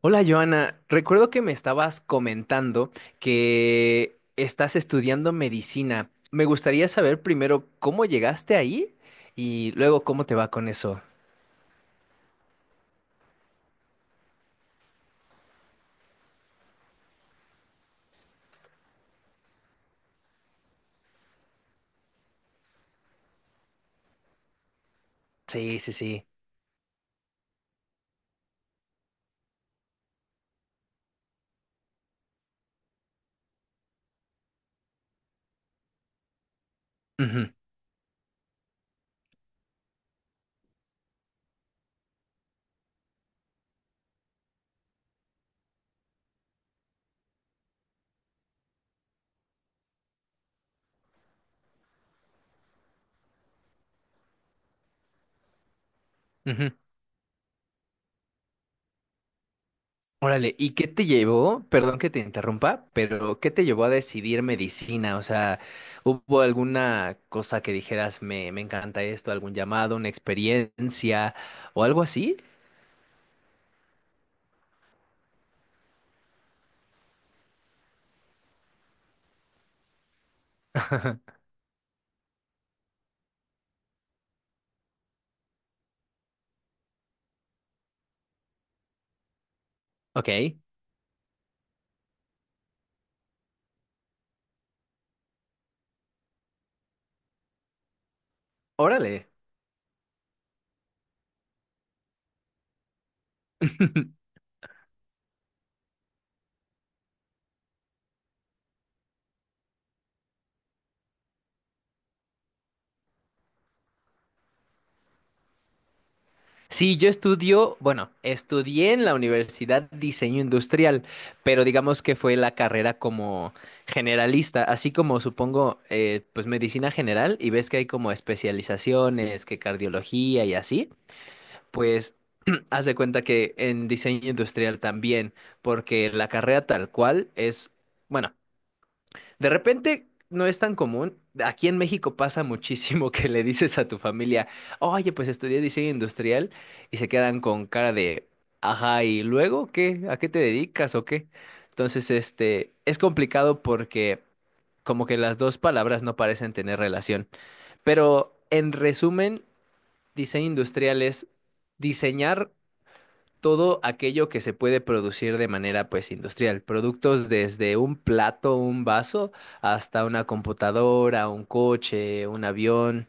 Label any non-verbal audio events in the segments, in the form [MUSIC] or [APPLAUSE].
Hola Joana, recuerdo que me estabas comentando que estás estudiando medicina. Me gustaría saber primero cómo llegaste ahí y luego cómo te va con eso. Sí, sí, sí. Ujú, ujú. Órale, ¿y qué te llevó? Perdón que te interrumpa, pero ¿qué te llevó a decidir medicina? O sea, ¿hubo alguna cosa que dijeras, me encanta esto, algún llamado, una experiencia o algo así? Ok, órale. [LAUGHS] Sí, yo estudio, bueno, estudié en la universidad diseño industrial, pero digamos que fue la carrera como generalista, así como supongo, pues medicina general y ves que hay como especializaciones, que cardiología y así, pues [CLEARS THROAT] haz de cuenta que en diseño industrial también, porque la carrera tal cual es, bueno, de repente no es tan común. Aquí en México pasa muchísimo que le dices a tu familia, oye, pues estudié diseño industrial y se quedan con cara de, ajá, ¿y luego qué? ¿A qué te dedicas o qué? Entonces, este, es complicado porque como que las dos palabras no parecen tener relación. Pero en resumen, diseño industrial es diseñar todo aquello que se puede producir de manera pues industrial, productos desde un plato, un vaso, hasta una computadora, un coche, un avión.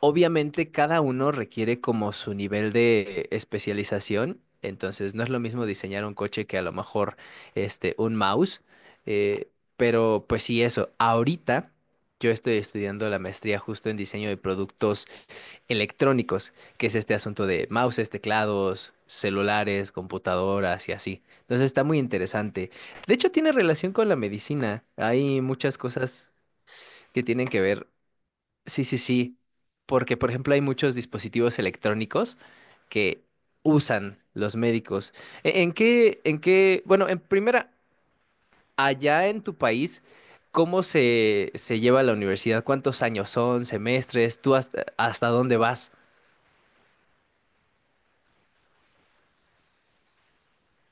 Obviamente cada uno requiere como su nivel de especialización, entonces no es lo mismo diseñar un coche que a lo mejor este un mouse, eh, pero pues sí eso. Ahorita yo estoy estudiando la maestría justo en diseño de productos electrónicos, que es este asunto de mouses, teclados, celulares, computadoras y así. Entonces está muy interesante. De hecho tiene relación con la medicina. Hay muchas cosas que tienen que ver. Sí, sí, sí. Porque, por ejemplo, hay muchos dispositivos electrónicos que usan los médicos. ¿En qué, bueno, en primera, allá en tu país, ¿cómo se lleva la universidad? ¿Cuántos años son, semestres? ¿Tú hasta dónde vas?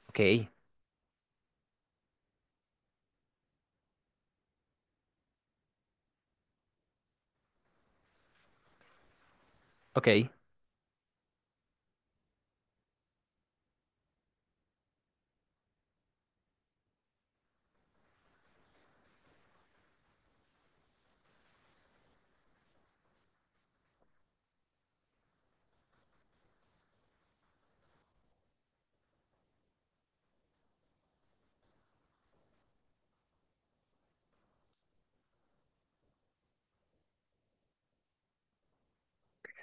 Ok, ok.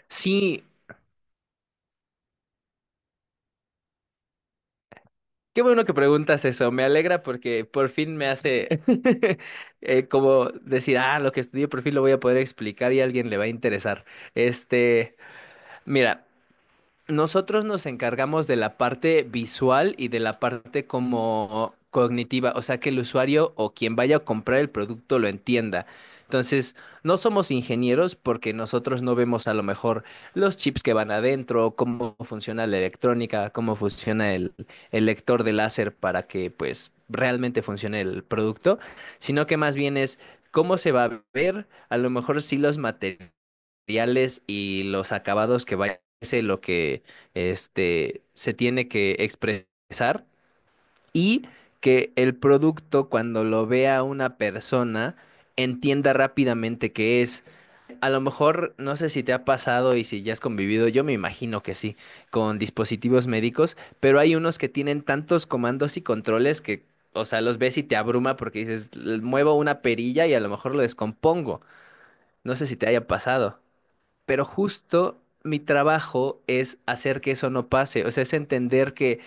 Sí, qué bueno que preguntas eso. Me alegra porque por fin me hace [LAUGHS] como decir, ah, lo que estudié por fin lo voy a poder explicar y a alguien le va a interesar. Este, mira. Nosotros nos encargamos de la parte visual y de la parte como cognitiva, o sea, que el usuario o quien vaya a comprar el producto lo entienda. Entonces, no somos ingenieros porque nosotros no vemos a lo mejor los chips que van adentro, cómo funciona la electrónica, cómo funciona el lector de láser para que pues realmente funcione el producto, sino que más bien es cómo se va a ver, a lo mejor sí los materiales y los acabados que vaya es lo que este se tiene que expresar y que el producto cuando lo vea una persona entienda rápidamente qué es. A lo mejor no sé si te ha pasado y si ya has convivido, yo me imagino que sí, con dispositivos médicos, pero hay unos que tienen tantos comandos y controles que. O sea, los ves y te abruma porque dices, muevo una perilla y a lo mejor lo descompongo. No sé si te haya pasado pero justo mi trabajo es hacer que eso no pase, o sea, es entender que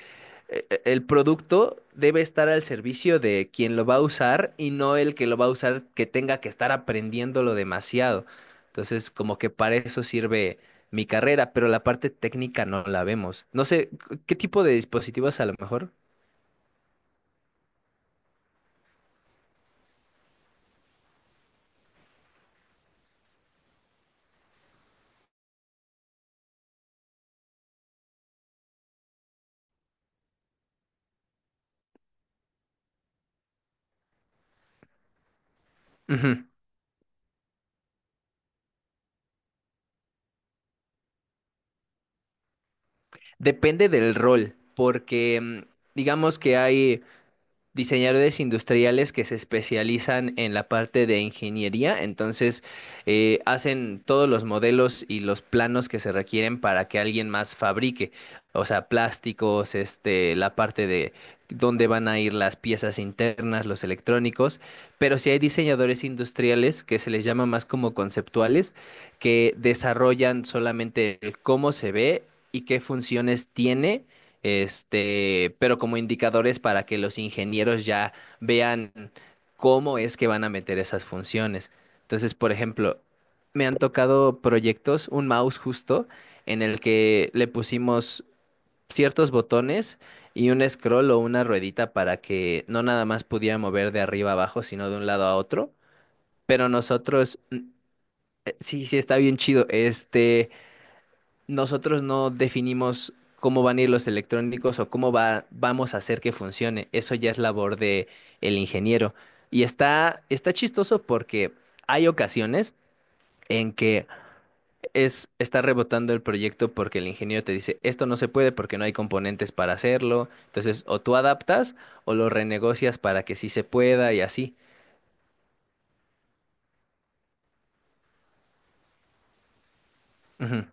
el producto debe estar al servicio de quien lo va a usar y no el que lo va a usar que tenga que estar aprendiéndolo demasiado. Entonces, como que para eso sirve mi carrera, pero la parte técnica no la vemos. No sé, ¿qué tipo de dispositivos a lo mejor? Ujú. Depende del rol, porque digamos que hay diseñadores industriales que se especializan en la parte de ingeniería, entonces hacen todos los modelos y los planos que se requieren para que alguien más fabrique, o sea, plásticos, este, la parte de dónde van a ir las piezas internas, los electrónicos, pero sí hay diseñadores industriales que se les llama más como conceptuales, que desarrollan solamente el cómo se ve y qué funciones tiene este, pero como indicadores para que los ingenieros ya vean cómo es que van a meter esas funciones. Entonces, por ejemplo, me han tocado proyectos, un mouse justo, en el que le pusimos ciertos botones y un scroll o una ruedita para que no nada más pudiera mover de arriba a abajo, sino de un lado a otro. Pero nosotros, sí, sí, está bien chido. Este, nosotros no definimos cómo van a ir los electrónicos o vamos a hacer que funcione. Eso ya es labor de el ingeniero. Y está chistoso porque hay ocasiones en que está rebotando el proyecto porque el ingeniero te dice, esto no se puede porque no hay componentes para hacerlo. Entonces, o tú adaptas o lo renegocias para que sí se pueda y así. Ujú,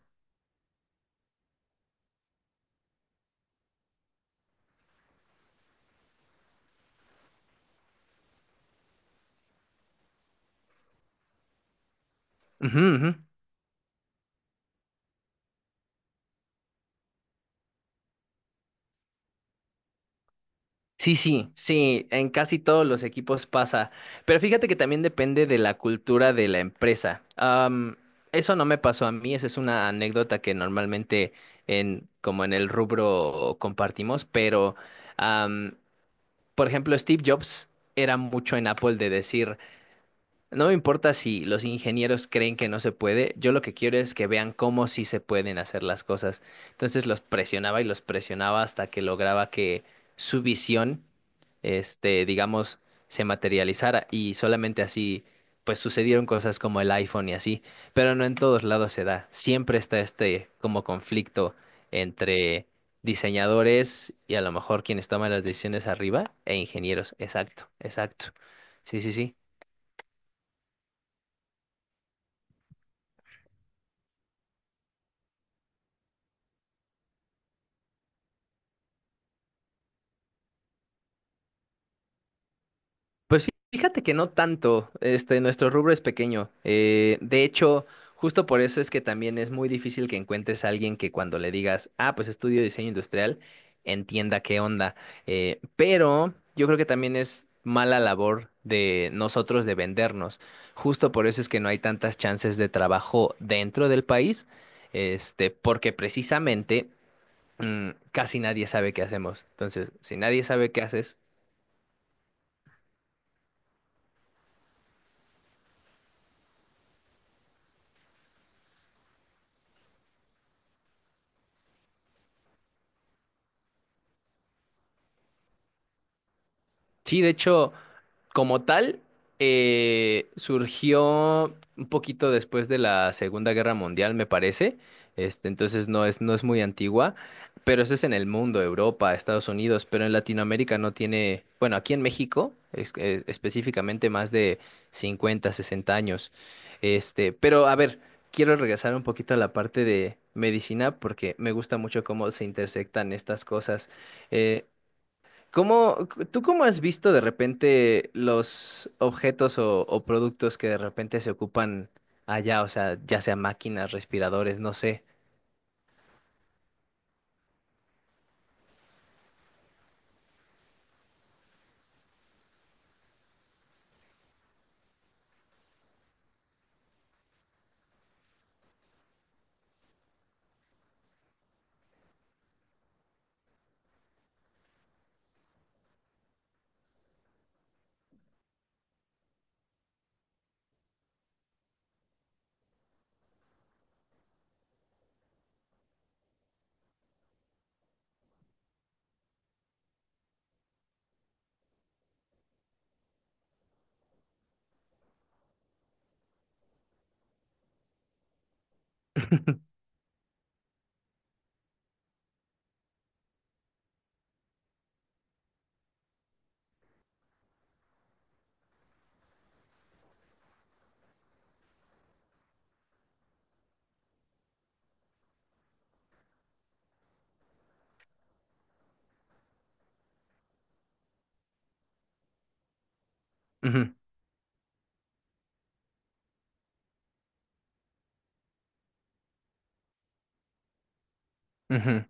ujú, ujú. Sí, sí, sí, en casi todos los equipos pasa, pero fíjate que también depende de la cultura de la empresa. Eso no me pasó a mí, esa es una anécdota que normalmente en como en el rubro compartimos, pero am, por ejemplo, Steve Jobs era mucho en Apple de decir no me importa si los ingenieros creen que no se puede, yo lo que quiero es que vean cómo sí se pueden hacer las cosas. Entonces los presionaba y los presionaba hasta que lograba que su visión, este, digamos, se materializara y solamente así, pues sucedieron cosas como el iPhone y así, pero no en todos lados se da. Siempre está este como conflicto entre diseñadores y a lo mejor quienes toman las decisiones arriba e ingenieros. Exacto, exacto. Sí, sí, sí. Pues fíjate que no tanto, este, nuestro rubro es pequeño. De hecho, justo por eso es que también es muy difícil que encuentres a alguien que cuando le digas, ah, pues estudio diseño industrial, entienda qué onda. Pero yo creo que también es mala labor de nosotros de vendernos. Justo por eso es que no hay tantas chances de trabajo dentro del país, este, porque precisamente casi nadie sabe qué hacemos. Entonces, si nadie sabe qué haces, sí, de hecho. Como tal, surgió un poquito después de la Segunda Guerra Mundial, me parece. Este, entonces no es muy antigua, pero eso es en el mundo, Europa, Estados Unidos, pero en Latinoamérica no tiene, bueno, aquí en México, específicamente más de 50, 60 años. Este, pero a ver, quiero regresar un poquito a la parte de medicina porque me gusta mucho cómo se intersectan estas cosas. Eh, ¿Cómo, tú cómo has visto de repente los objetos o productos que de repente se ocupan allá? O sea, ya sea máquinas, respiradores, no sé. Ujú, ujú.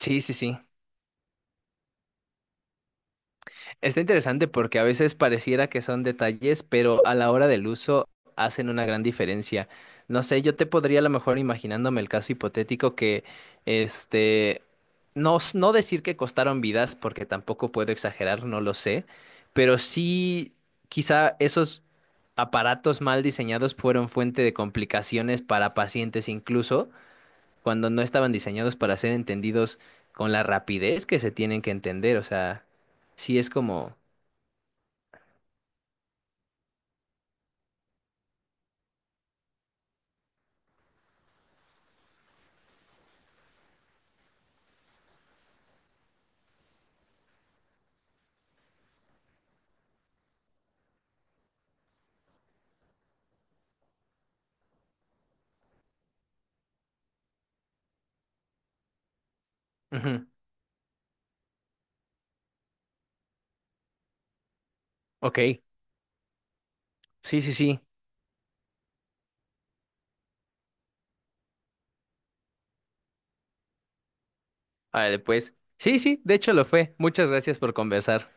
Sí, sí, sí. Está interesante porque a veces pareciera que son detalles, pero a la hora del uso hacen una gran diferencia. No sé, yo te podría a lo mejor imaginándome el caso hipotético que, este, no, no decir que costaron vidas porque tampoco puedo exagerar, no lo sé, pero sí quizá esos aparatos mal diseñados fueron fuente de complicaciones para pacientes incluso cuando no estaban diseñados para ser entendidos con la rapidez que se tienen que entender, o sea, sí es como. Ujú, ok, sí, sí, sí. Vale, pues. Sí, sí, de hecho lo fue. Muchas gracias por conversar.